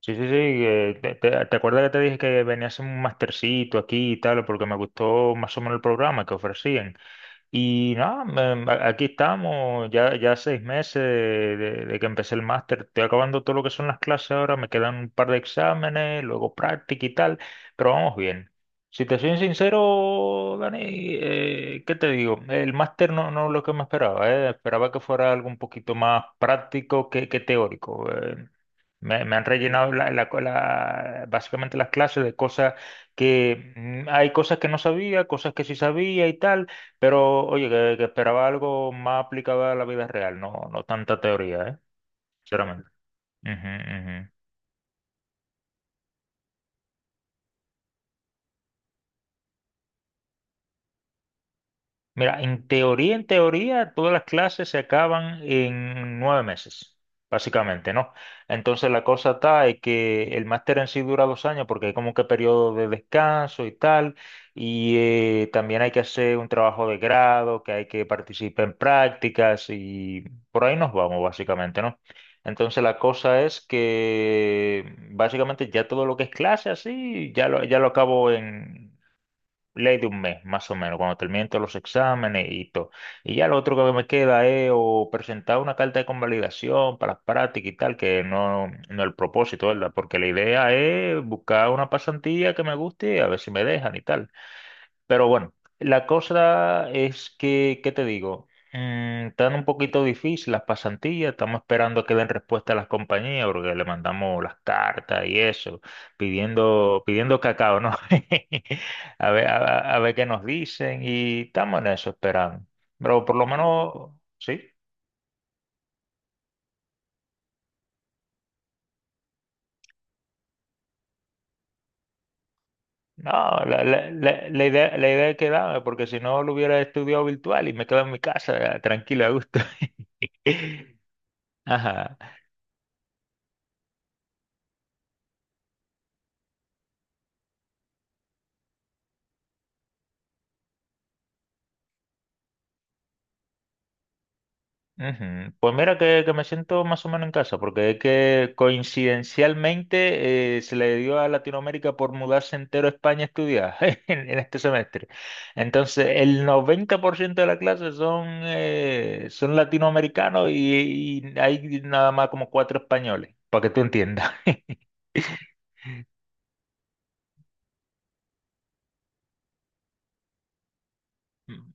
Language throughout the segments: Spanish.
Sí, sí, sí. ¿Te acuerdas que te dije que venía a hacer un mastercito aquí y tal? Porque me gustó más o menos el programa que ofrecían. Y nada, aquí estamos, ya 6 meses de que empecé el máster. Estoy acabando todo lo que son las clases ahora, me quedan un par de exámenes, luego práctica y tal, pero vamos bien. Si te soy sincero, Dani, ¿qué te digo? El máster no es lo que me esperaba. Esperaba que fuera algo un poquito más práctico que teórico. Me han rellenado básicamente las clases de cosas que hay cosas que no sabía, cosas que sí sabía y tal, pero oye, que esperaba algo más aplicado a la vida real, no tanta teoría, ¿eh? Sinceramente. Ujú, ujú. Mira, en teoría, todas las clases se acaban en 9 meses, básicamente, ¿no? Entonces la cosa está es que el máster en sí dura 2 años porque hay como que periodo de descanso y tal, y también hay que hacer un trabajo de grado, que hay que participar en prácticas y por ahí nos vamos, básicamente, ¿no? Entonces la cosa es que básicamente ya todo lo que es clase así, ya lo acabo en ley de un mes, más o menos, cuando terminen todos los exámenes y todo. Y ya lo otro que me queda es o presentar una carta de convalidación para las prácticas y tal, que no es el propósito, ¿verdad? Porque la idea es buscar una pasantía que me guste y a ver si me dejan y tal. Pero bueno, la cosa es ¿qué te digo? Están un poquito difícil las pasantías, estamos esperando a que den respuesta a las compañías porque le mandamos las cartas y eso, pidiendo, pidiendo cacao, ¿no? A ver, a ver qué nos dicen y estamos en eso esperando. Pero por lo menos, sí. No, la idea es quedarme, porque si no lo hubiera estudiado virtual y me quedo en mi casa tranquilo, a gusto. Ajá. Ujú. Pues mira que me siento más o menos en casa, porque es que coincidencialmente se le dio a Latinoamérica por mudarse entero a España a estudiar en este semestre. Entonces, el 90% de la clase son latinoamericanos y hay nada más como cuatro españoles, para que tú entiendas.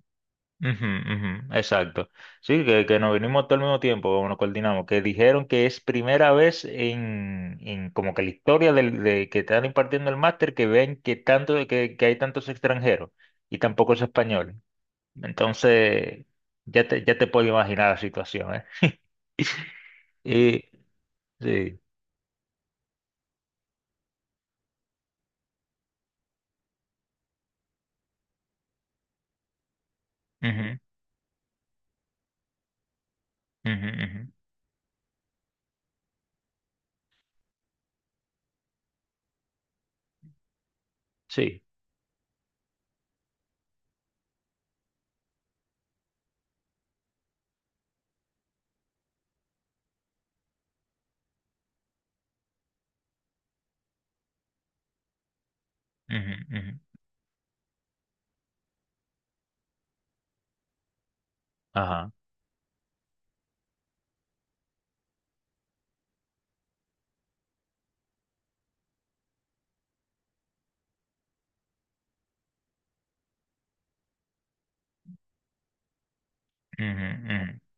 Ujú, ujú, exacto. Sí, que nos vinimos todo al mismo tiempo, como nos coordinamos, que dijeron que es primera vez en como que la historia de que están impartiendo el máster que ven que tanto que hay tantos extranjeros y tampoco es español. Entonces, ya te puedo imaginar la situación, ¿eh? Y, sí. Ujú, ujú, ujú, sí. Ujú, ujú, ajá. Ujú, ujú.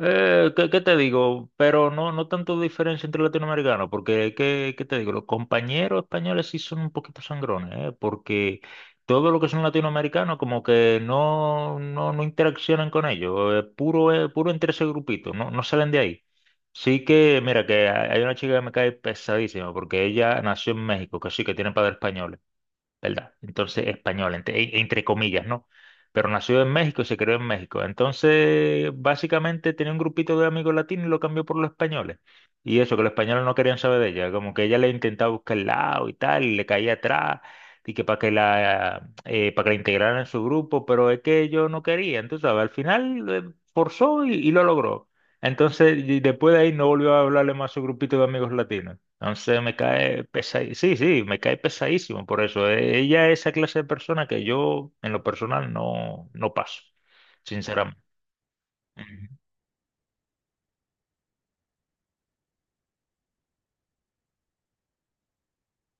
¿Qué te digo? Pero no tanto diferencia entre latinoamericanos, porque ¿qué te digo? Los compañeros españoles sí son un poquito sangrones, ¿eh? Porque todo lo que son latinoamericanos como que no interaccionan con ellos, puro entre ese grupito, no salen de ahí. Sí que, mira, que hay una chica que me cae pesadísima, porque ella nació en México, que sí, que tiene padres españoles. ¿Verdad? Entonces, español, entre comillas, ¿no? Pero nació en México y se creó en México. Entonces, básicamente tenía un grupito de amigos latinos y lo cambió por los españoles. Y eso, que los españoles no querían saber de ella, como que ella le intentaba buscar el lado y tal, y le caía atrás, y que para que la integraran en su grupo, pero es que ellos no querían, tú sabes, al final forzó y lo logró. Entonces, y después de ahí no volvió a hablarle más a su grupito de amigos latinos. Entonces me cae pesadísimo. Sí, sí, me cae pesadísimo por eso. Ella es esa clase de persona que yo en lo personal no paso, sinceramente. Ujú,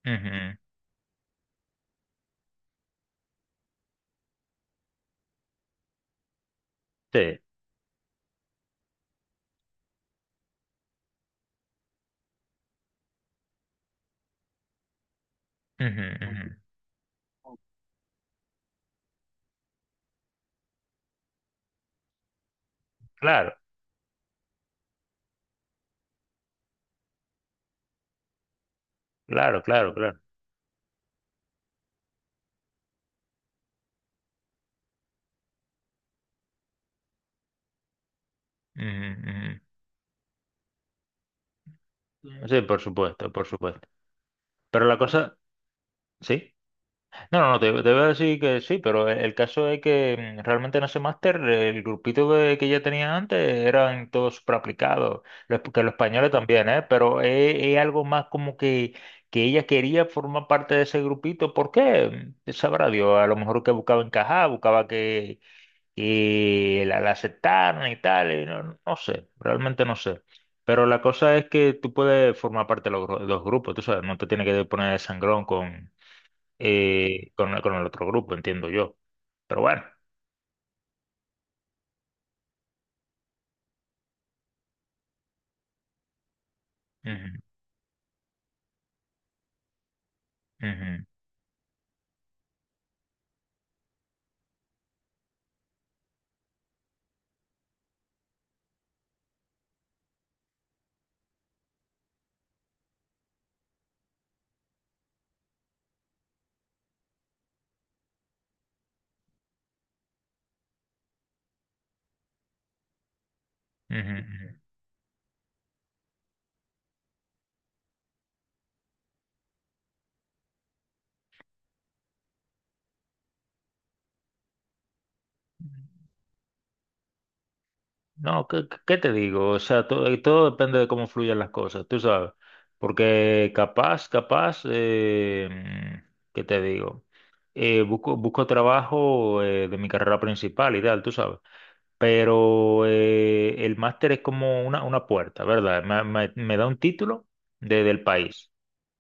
ujú, sí. Ujú, ujú. Claro, claro, claro, claro. Ujú, ujú. Sí, por supuesto, por supuesto. Pero la cosa, sí. No, no, no, te voy a decir que sí, pero el caso es que realmente en ese máster el grupito que ya tenía antes eran todos súper aplicados, que los españoles también, ¿eh? Pero es algo más como que ella quería formar parte de ese grupito, ¿por qué? Sabrá Dios, a lo mejor que buscaba encajar, buscaba que la aceptaran y tal, y no sé, realmente no sé. Pero la cosa es que tú puedes formar parte de los grupos, tú sabes, no te tienes que poner de sangrón con con el otro grupo, entiendo yo. Pero bueno. Ujú, ujú, ujú, ujú. No, ¿qué te digo? O sea, todo depende de cómo fluyan las cosas, tú sabes. Porque capaz, ¿qué te digo? Busco trabajo de mi carrera principal y tal, tú sabes. Pero el máster es como una puerta, ¿verdad? Me da un título del país.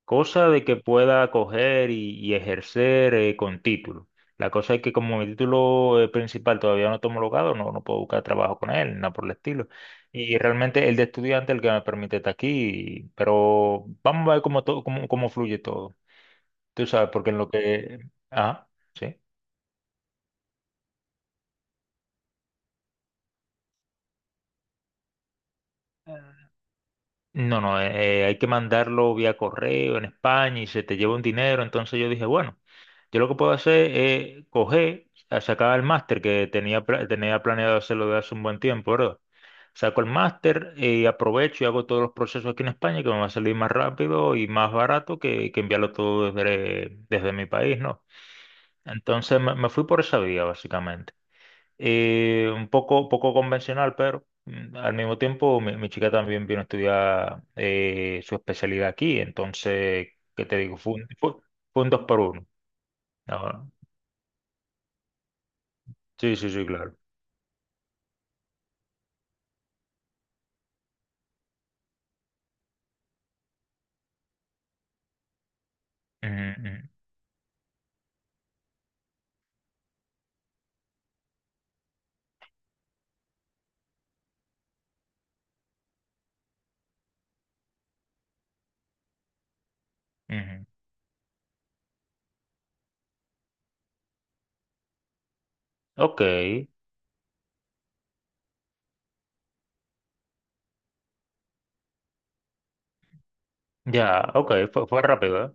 Cosa de que pueda coger y ejercer con título. La cosa es que como mi título principal todavía no está homologado, no puedo buscar trabajo con él, nada por el estilo. Y realmente el de estudiante es el que me permite estar aquí, pero vamos a ver cómo fluye todo. Tú sabes, porque en lo que… Ah, sí. No, no, hay que mandarlo vía correo en España y se te lleva un dinero. Entonces yo dije, bueno, yo lo que puedo hacer es coger, a sacar el máster que tenía, tenía planeado hacerlo de hace un buen tiempo, ¿verdad? Saco el máster y aprovecho y hago todos los procesos aquí en España que me va a salir más rápido y más barato que enviarlo todo desde, desde mi país, ¿no? Entonces me fui por esa vía, básicamente. Un poco convencional, pero al mismo tiempo mi chica también vino a estudiar su especialidad aquí, entonces, ¿qué te digo? Fue un dos por uno. Ah, sí, sí, sí, claro. Ujú, ujú, ujú. Ok, ya, ok, fue rápido, ¿eh?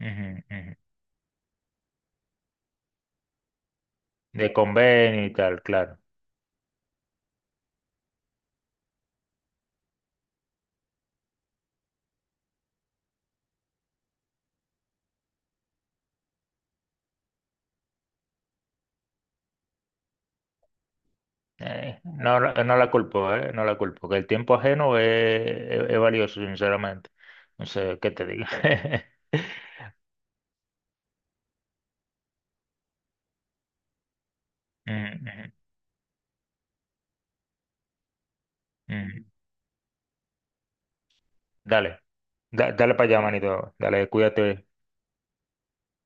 Ujú, ujú, ujú. De convenio y tal, claro. No, no no la culpo, ¿eh? No la culpo, que el tiempo ajeno es valioso, sinceramente. No sé qué te digo. Ujú, ujú, ujú. Dale, dale para allá, manito. Dale, cuídate.